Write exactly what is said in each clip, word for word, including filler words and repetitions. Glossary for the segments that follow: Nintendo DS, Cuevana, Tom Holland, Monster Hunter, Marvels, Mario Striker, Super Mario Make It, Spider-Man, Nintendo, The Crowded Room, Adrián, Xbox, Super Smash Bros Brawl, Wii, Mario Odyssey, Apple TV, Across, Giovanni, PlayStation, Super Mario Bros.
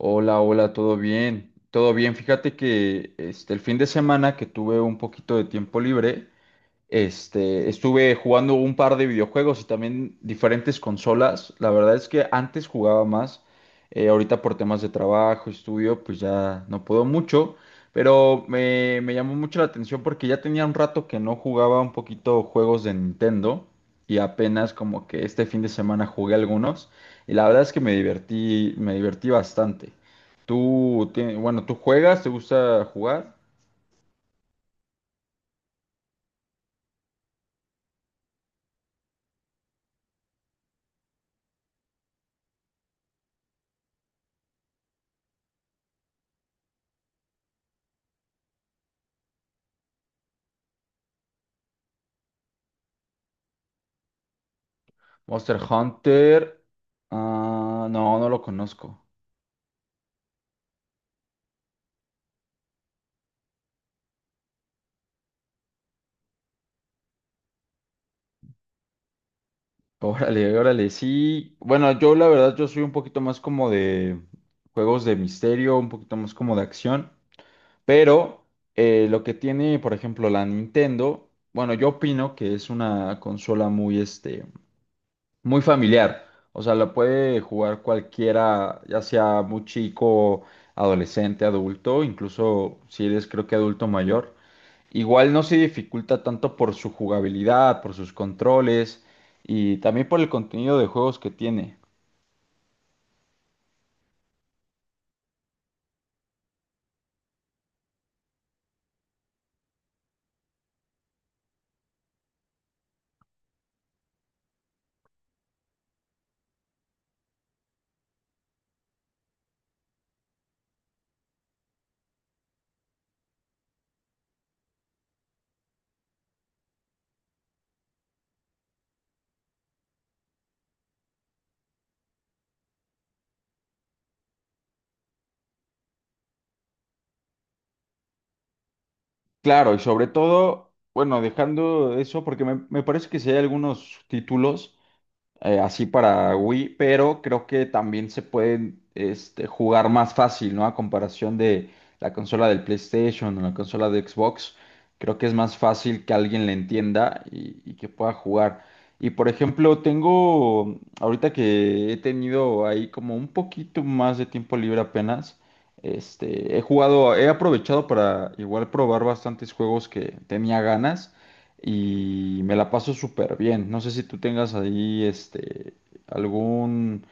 Hola, hola, todo bien, todo bien. Fíjate que este, el fin de semana que tuve un poquito de tiempo libre, este, estuve jugando un par de videojuegos y también diferentes consolas. La verdad es que antes jugaba más. Eh, ahorita por temas de trabajo, estudio, pues ya no puedo mucho. Pero me, me llamó mucho la atención porque ya tenía un rato que no jugaba un poquito juegos de Nintendo. Y apenas como que este fin de semana jugué algunos. Y la verdad es que me divertí, me divertí bastante. ¿Tú, tienes- bueno, tú juegas? ¿Te gusta jugar? Monster Hunter. Ah, no, no lo conozco. Órale, órale, sí. Bueno, yo la verdad, yo soy un poquito más como de juegos de misterio, un poquito más como de acción. Pero eh, lo que tiene, por ejemplo, la Nintendo, bueno, yo opino que es una consola muy, este, muy familiar. O sea, la puede jugar cualquiera, ya sea muy chico, adolescente, adulto, incluso si eres, creo que adulto mayor. Igual no se dificulta tanto por su jugabilidad, por sus controles y también por el contenido de juegos que tiene. Claro, y sobre todo, bueno, dejando eso, porque me, me parece que si hay algunos títulos. Eh, así para Wii, pero creo que también se pueden este, jugar más fácil, ¿no? A comparación de la consola del PlayStation o la consola de Xbox, creo que es más fácil que alguien le entienda y, y que pueda jugar. Y por ejemplo, tengo, ahorita que he tenido ahí como un poquito más de tiempo libre apenas, este, he jugado, he aprovechado para igual probar bastantes juegos que tenía ganas y me la paso súper bien. No sé si tú tengas ahí este algún...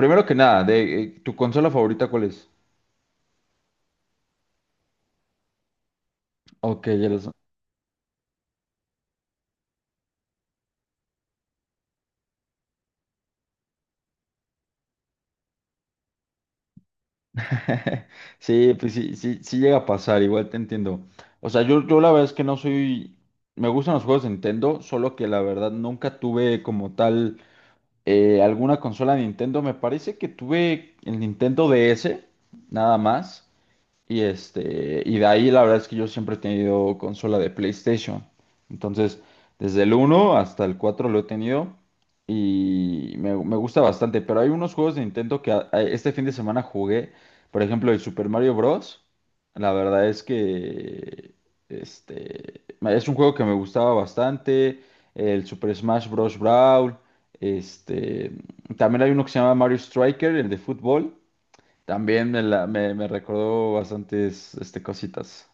Primero que nada, de eh, tu consola favorita, ¿cuál es? Ok, ya lo sé. Sí, pues sí, sí, sí llega a pasar, igual te entiendo. O sea, yo, yo la verdad es que no soy. Me gustan los juegos de Nintendo, solo que la verdad nunca tuve como tal eh, alguna consola de Nintendo. Me parece que tuve el Nintendo D S, nada más. Y este, y de ahí la verdad es que yo siempre he tenido consola de PlayStation. Entonces, desde el uno hasta el cuatro lo he tenido y me, me gusta bastante. Pero hay unos juegos de Nintendo que a- a- este fin de semana jugué. Por ejemplo, el Super Mario Bros. La verdad es que este, me- es un juego que me gustaba bastante. El Super Smash Bros. Brawl. Este, También hay uno que se llama Mario Striker, el de fútbol. También me, la, me, me recordó bastantes este, cositas.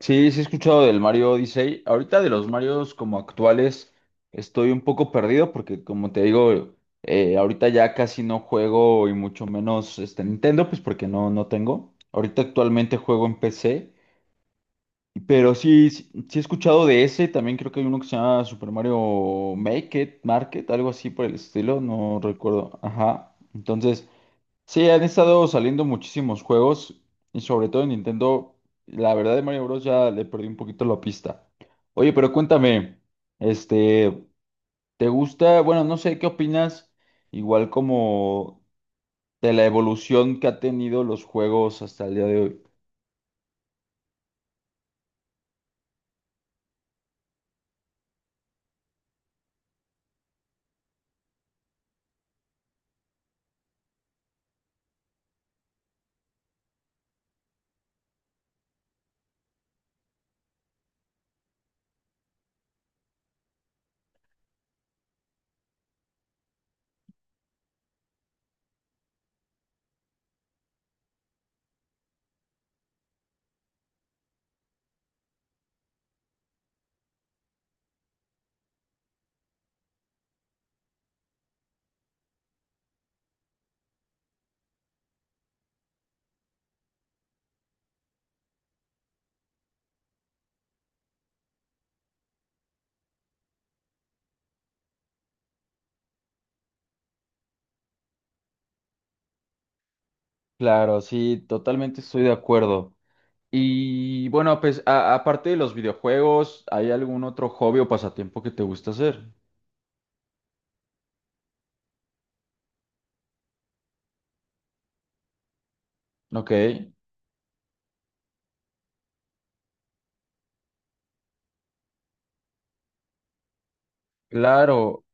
Sí, sí he escuchado del Mario Odyssey. Ahorita de los Marios como actuales estoy un poco perdido porque como te digo, eh, ahorita ya casi no juego y mucho menos este Nintendo, pues porque no, no tengo. Ahorita actualmente juego en P C, pero sí, sí, sí he escuchado de ese. También creo que hay uno que se llama Super Mario Make It, Market, algo así por el estilo, no recuerdo. Ajá. Entonces... Sí, han estado saliendo muchísimos juegos y sobre todo en Nintendo, la verdad de Mario Bros. Ya le perdí un poquito la pista. Oye, pero cuéntame, este, ¿te gusta? Bueno, no sé, ¿qué opinas? Igual como de la evolución que ha tenido los juegos hasta el día de hoy. Claro, sí, totalmente estoy de acuerdo. Y bueno, pues a- aparte de los videojuegos, ¿hay algún otro hobby o pasatiempo que te gusta hacer? Ok, claro.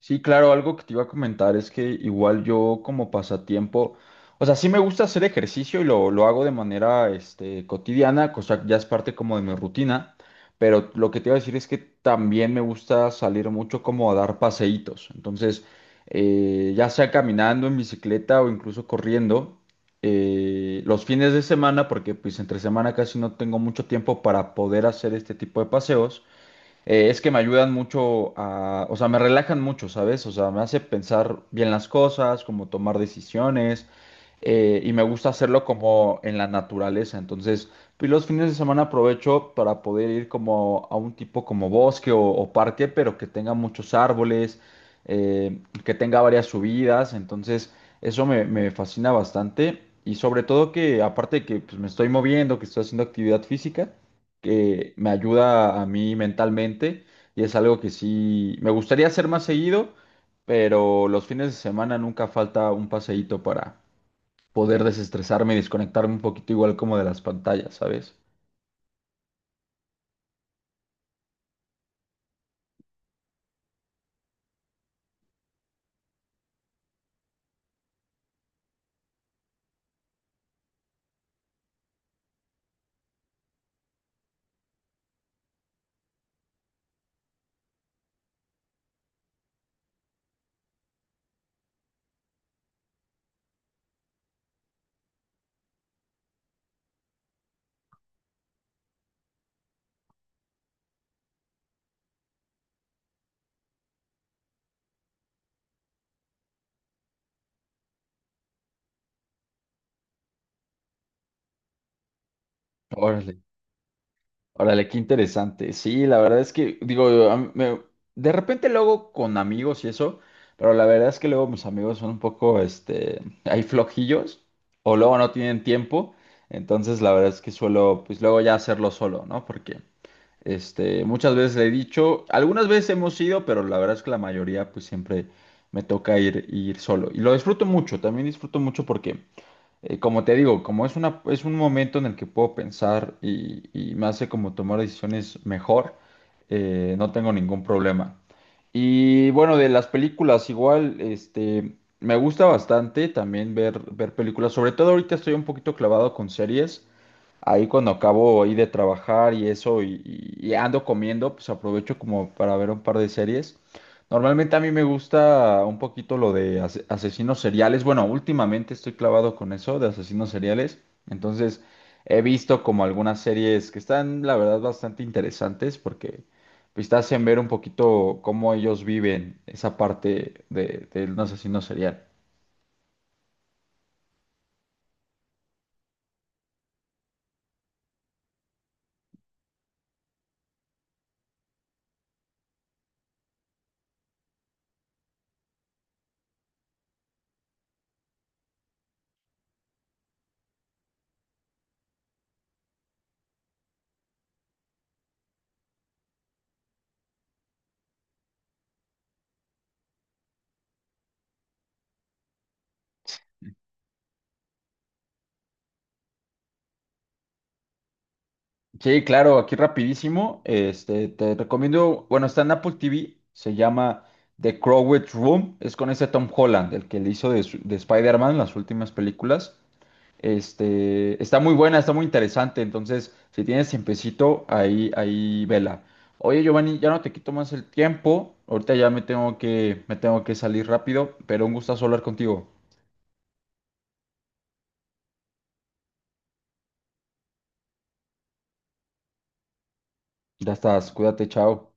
Sí, claro, algo que te iba a comentar es que igual yo como pasatiempo, o sea, sí me gusta hacer ejercicio y lo, lo hago de manera este, cotidiana, cosa que ya es parte como de mi rutina, pero lo que te iba a decir es que también me gusta salir mucho como a dar paseitos, entonces eh, ya sea caminando en bicicleta o incluso corriendo, eh, los fines de semana, porque pues entre semana casi no tengo mucho tiempo para poder hacer este tipo de paseos. Eh, es que me ayudan mucho a, o sea, me relajan mucho, ¿sabes? O sea, me hace pensar bien las cosas, como tomar decisiones, eh, y me gusta hacerlo como en la naturaleza. Entonces, pues los fines de semana aprovecho para poder ir como a un tipo como bosque o, o parque, pero que tenga muchos árboles, eh, que tenga varias subidas. Entonces, eso me, me fascina bastante. Y sobre todo que, aparte de que pues, me estoy moviendo, que estoy haciendo actividad física, que me ayuda a mí mentalmente y es algo que sí me gustaría hacer más seguido, pero los fines de semana nunca falta un paseíto para poder desestresarme y desconectarme un poquito igual como de las pantallas, ¿sabes? Órale, órale, qué interesante. Sí, la verdad es que digo, a mí me- de repente luego con amigos y eso, pero la verdad es que luego mis amigos son un poco, este, hay flojillos o luego no tienen tiempo. Entonces, la verdad es que suelo, pues luego ya hacerlo solo, ¿no? Porque Este, muchas veces le he dicho, algunas veces hemos ido, pero la verdad es que la mayoría pues siempre me toca ir, ir solo. Y lo disfruto mucho, también disfruto mucho porque eh, como te digo, como es una, es un momento en el que puedo pensar y, y me hace como tomar decisiones mejor, eh, no tengo ningún problema. Y bueno, de las películas igual, este, me gusta bastante también ver, ver películas. Sobre todo ahorita estoy un poquito clavado con series. Ahí cuando acabo ahí de trabajar y eso y, y- y ando comiendo, pues aprovecho como para ver un par de series. Normalmente a mí me gusta un poquito lo de ase- asesinos seriales. Bueno, últimamente estoy clavado con eso de asesinos seriales. Entonces he visto como algunas series que están, la verdad, bastante interesantes porque pues, te hacen ver un poquito cómo ellos viven esa parte de, de un asesino serial. Sí, claro, aquí rapidísimo. Este, te recomiendo, bueno, está en Apple T V, se llama The Crowded Room. Es con ese Tom Holland, el que le hizo de, su- de Spider-Man las últimas películas. Este, está muy buena, está muy interesante. Entonces, si tienes tiempecito, ahí, ahí vela. Oye, Giovanni, ya no te quito más el tiempo. Ahorita ya me tengo que, me tengo que salir rápido, pero un gustazo hablar contigo. Ya estás, cuídate, chao.